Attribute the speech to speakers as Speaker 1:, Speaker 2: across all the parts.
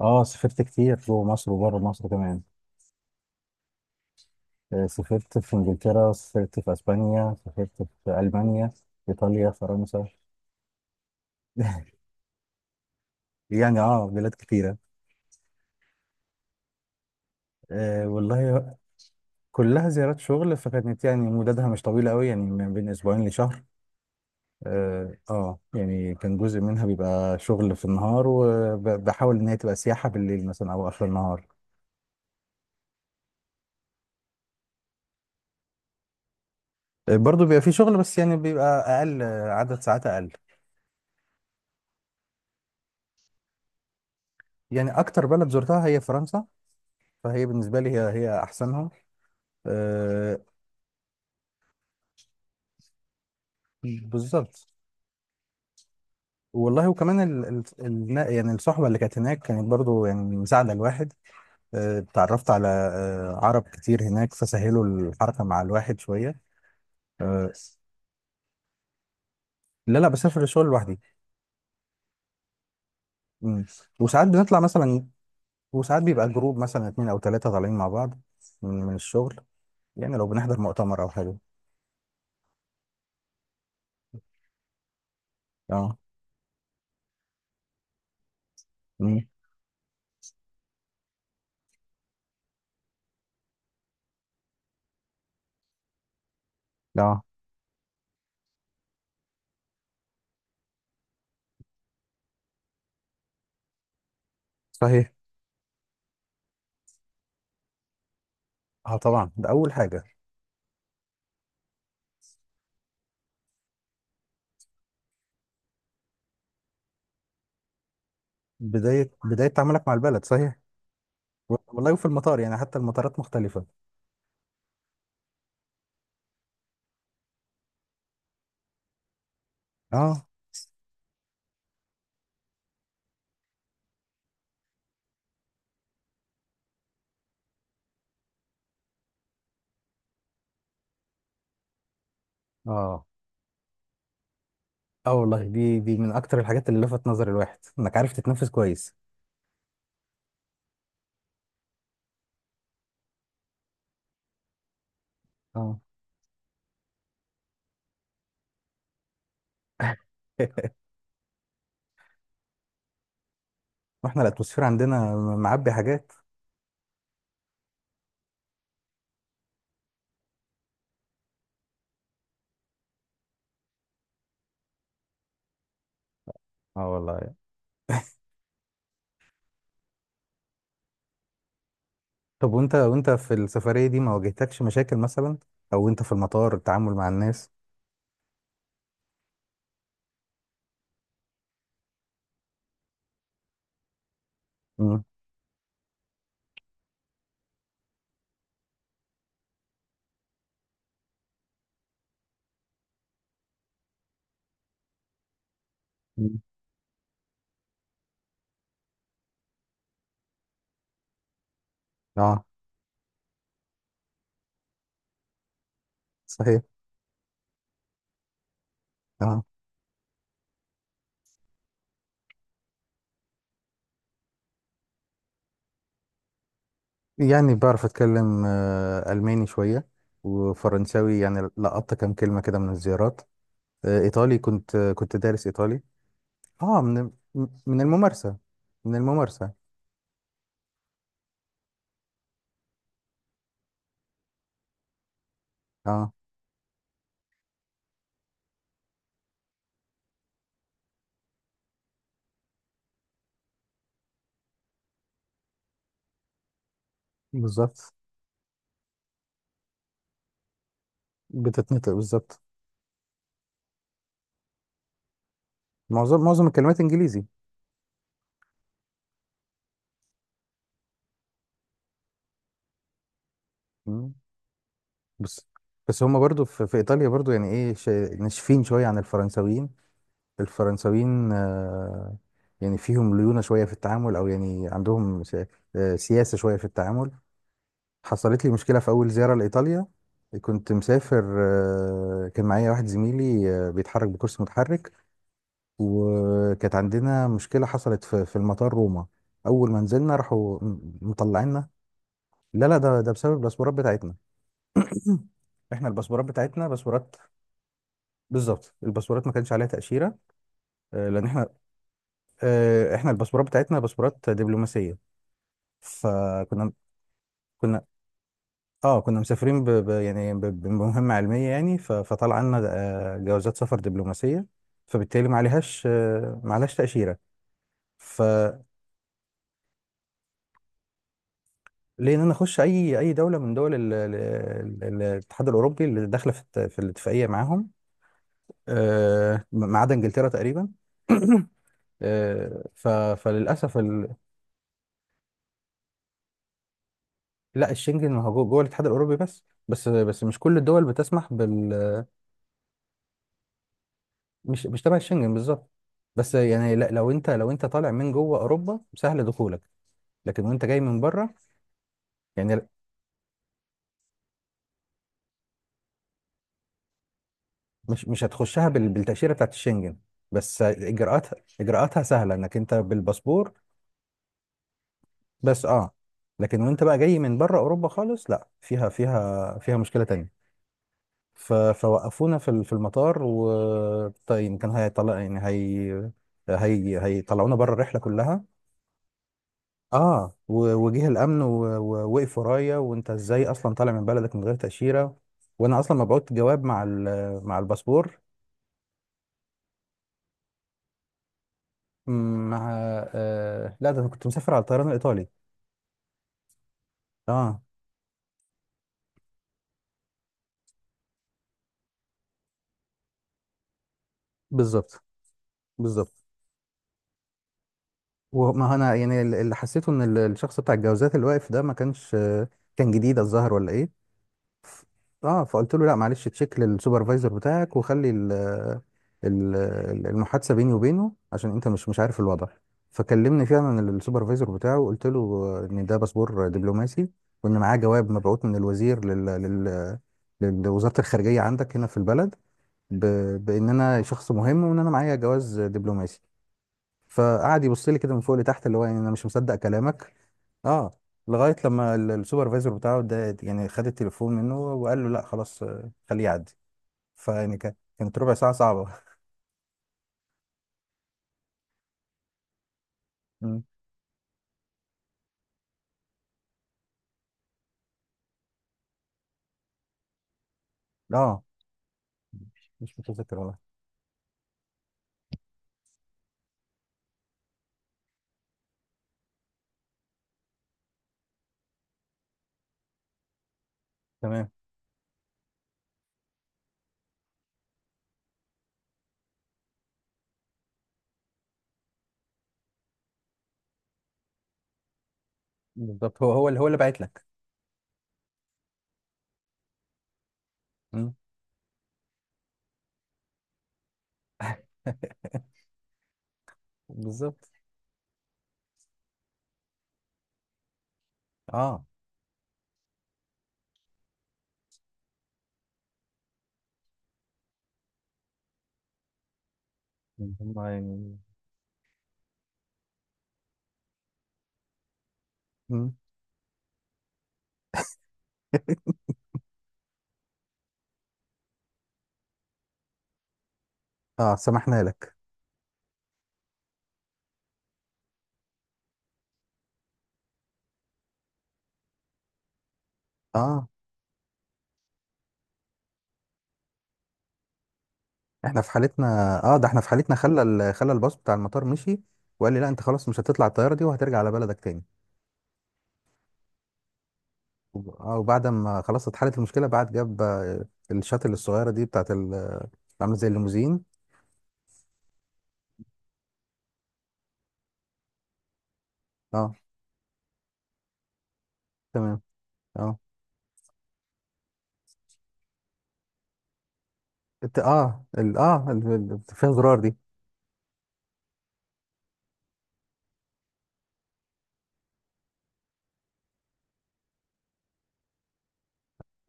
Speaker 1: اه، سافرت كتير جوه مصر وبره مصر كمان. آه، سافرت في انجلترا، سافرت في اسبانيا، سافرت في المانيا، ايطاليا، فرنسا. يعني بلاد كتيرة. آه والله. كلها زيارات شغل، فكانت يعني مدتها مش طويلة قوي، يعني من بين أسبوعين لشهر. يعني كان جزء منها بيبقى شغل في النهار، وبحاول إن هي تبقى سياحة بالليل مثلا أو آخر النهار. آه، برضه بيبقى في شغل، بس يعني بيبقى أقل، عدد ساعات أقل. يعني أكتر بلد زرتها هي فرنسا، فهي بالنسبة لي هي أحسنها. آه، بالظبط. والله، وكمان يعني الصحبة اللي كانت هناك كانت برضو يعني مساعدة الواحد. آه، اتعرفت على عرب كتير هناك، فسهلوا الحركة مع الواحد شوية. آه، لا، لا، بسافر الشغل لوحدي. مم. وساعات بنطلع مثلا. وساعات بيبقى جروب مثلا 2 أو 3 طالعين مع بعض من الشغل. يعني لو بنحضر مؤتمر أو حاجة. اه. مم. اه. صحيح. اه طبعا ده أول حاجة. بداية تعاملك مع البلد، صحيح. والله، وفي المطار يعني حتى المطارات مختلفة. اه، اه، اه. والله، دي من اكتر الحاجات اللي لفت نظر الواحد، انك عارف تتنفس كويس. اه. واحنا الاتموسفير عندنا معبي حاجات. اه والله. طب وانت في السفرية دي ما واجهتكش مشاكل مثلا، او وانت في المطار، التعامل مع الناس. مم. مم. اه. صحيح. اه. يعني بعرف اتكلم الماني شوية، وفرنساوي، يعني لقطت كام كلمة كده من الزيارات. ايطالي، كنت دارس ايطالي. اه، من الممارسة. من الممارسة. اه، بالظبط. بتتنطق بالظبط. معظم الكلمات انجليزي. مم. بس بس هما برضو في ايطاليا برضو يعني ايه، ناشفين شوية عن الفرنساويين. الفرنساويين يعني فيهم ليونة شوية في التعامل، او يعني عندهم سياسة شوية في التعامل. حصلت لي مشكلة في اول زيارة لايطاليا. كنت مسافر، كان معايا واحد زميلي بيتحرك بكرسي متحرك. وكانت عندنا مشكلة حصلت في المطار روما. أول ما نزلنا راحوا مطلعيننا. لا، لا، ده بسبب الباسبورات بتاعتنا. مم. احنا الباسبورات بتاعتنا باسبورات. بالظبط، الباسبورات ما كانش عليها تأشيرة. لأن احنا، احنا الباسبورات بتاعتنا باسبورات دبلوماسية. فكنا، كنا اه كنا مسافرين يعني بمهمة علمية، يعني فطلع عنا جوازات سفر دبلوماسية، فبالتالي ما عليهاش تأشيرة. ف، ليه ان انا اخش اي دوله من دول الاتحاد الاوروبي اللي داخله في في الاتفاقيه معاهم. ما عدا انجلترا تقريبا. فللاسف لا، الشنجن ما هو جوه الاتحاد الاوروبي، بس مش كل الدول بتسمح مش تبع الشنجن بالظبط. بس يعني، لا لو انت طالع من جوه اوروبا سهل دخولك، لكن وانت جاي من بره. يعني مش هتخشها بالتاشيره بتاعت الشنجن، بس اجراءاتها، اجراءاتها سهله انك انت بالباسبور. بس اه. لكن وانت بقى جاي من بره اوروبا خالص، لا فيها فيها مشكله تانية. فوقفونا في في المطار. و طيب كان هيطلع يعني، هي هي هيطلعونا بره الرحله كلها. اه، وجه الامن ووقف ورايا، وانت ازاي اصلا طالع من بلدك من غير تاشيره، وانا اصلا مبعوت جواب مع مع الباسبور. مع لا، ده انا كنت مسافر على الطيران الايطالي. اه بالظبط. بالظبط. وما هو انا، يعني اللي حسيته ان الشخص بتاع الجوازات اللي واقف ده ما كانش، كان جديد الظاهر ولا ايه. ف- اه فقلت له لا، معلش تشيك للسوبرفايزر بتاعك، وخلي ال المحادثه بيني وبينه، عشان انت مش عارف الوضع. فكلمني فعلا السوبرفايزر بتاعه، وقلت له ان ده باسبور دبلوماسي، وان معاه جواب مبعوث من الوزير لوزاره الخارجيه عندك هنا في البلد. ب... بان انا شخص مهم، وان انا معايا جواز دبلوماسي. فقعد يبص لي كده من فوق لتحت، اللي هو يعني انا مش مصدق كلامك. اه. لغايه لما السوبرفايزر بتاعه ده يعني خد التليفون منه، وقال له لا خلاص، خليه يعدي. فيعني كانت ربع ساعه صعبه. مم. اه. مش متذكر والله. تمام. بالظبط، هو اللي باعت لك. مم. بالظبط. اه يعني هم، يعني. مم. اه سمحنا لك. اه. احنا في حالتنا. اه، ده احنا في حالتنا خلى الباص بتاع المطار مشي، وقال لي لا انت خلاص مش هتطلع الطياره دي، وهترجع على بلدك تاني. اه. وبعد ما خلاص اتحلت المشكله، بعد جاب الشاتل الصغيره دي بتاعت عامله زي الليموزين. اه تمام. اه الت- اه ال- اه ال- فيها زرار دي.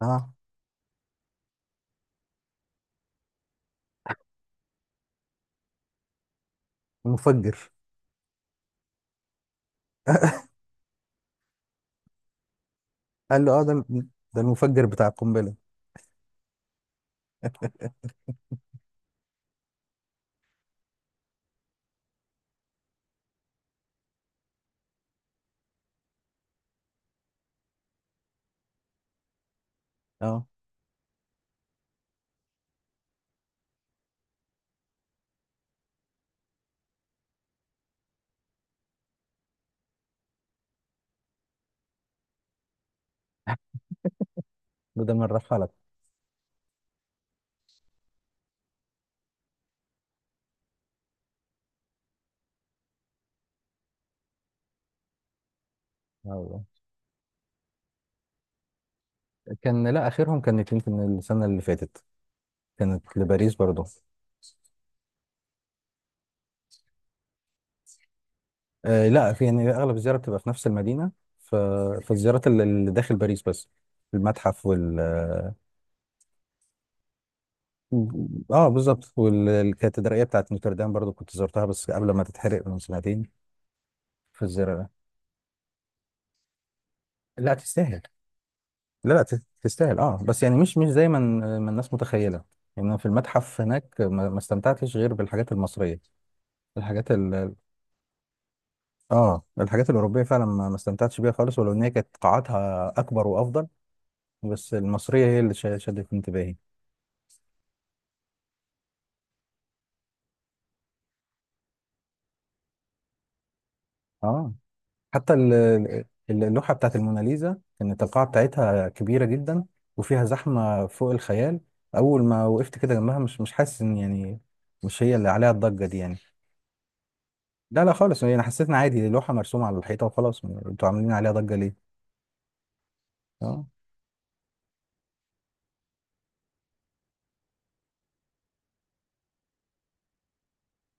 Speaker 1: اه المفجر. قال له ده المفجر بتاع القنبله. اه ده من رفعلك. أيوة. لا، اخرهم كانت يمكن السنه اللي فاتت، كانت لباريس برضو. آه، لا، في يعني اغلب الزياره بتبقى في نفس المدينه، ف... فالزيارات اللي داخل باريس بس. المتحف. اه بالظبط، والكاتدرائيه بتاعت نوتردام برضو كنت زرتها، بس قبل ما تتحرق من سنتين. في الزيارة. لا تستاهل. لا، لا، تستاهل، بس يعني مش زي ما الناس متخيله. يعني أنا في المتحف هناك ما استمتعتش غير بالحاجات المصريه، الحاجات ال اه، الحاجات الاوروبيه فعلا ما استمتعتش بيها خالص، ولو ان هي كانت قاعاتها اكبر وافضل. بس المصريه هي اللي شدت انتباهي. اه حتى اللوحة بتاعت الموناليزا كانت القاعة بتاعتها كبيرة جدا، وفيها زحمة فوق الخيال. أول ما وقفت كده جنبها، مش حاسس إن يعني مش هي اللي عليها الضجة دي يعني. لا، لا، خالص، يعني أنا حسيت إن عادي، دي لوحة مرسومة على الحيطة وخلاص، أنتوا عاملين عليها ضجة ليه؟ أه.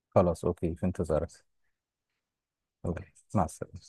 Speaker 1: خلاص أوكي، في انتظارك. أوكي. مع السلامة.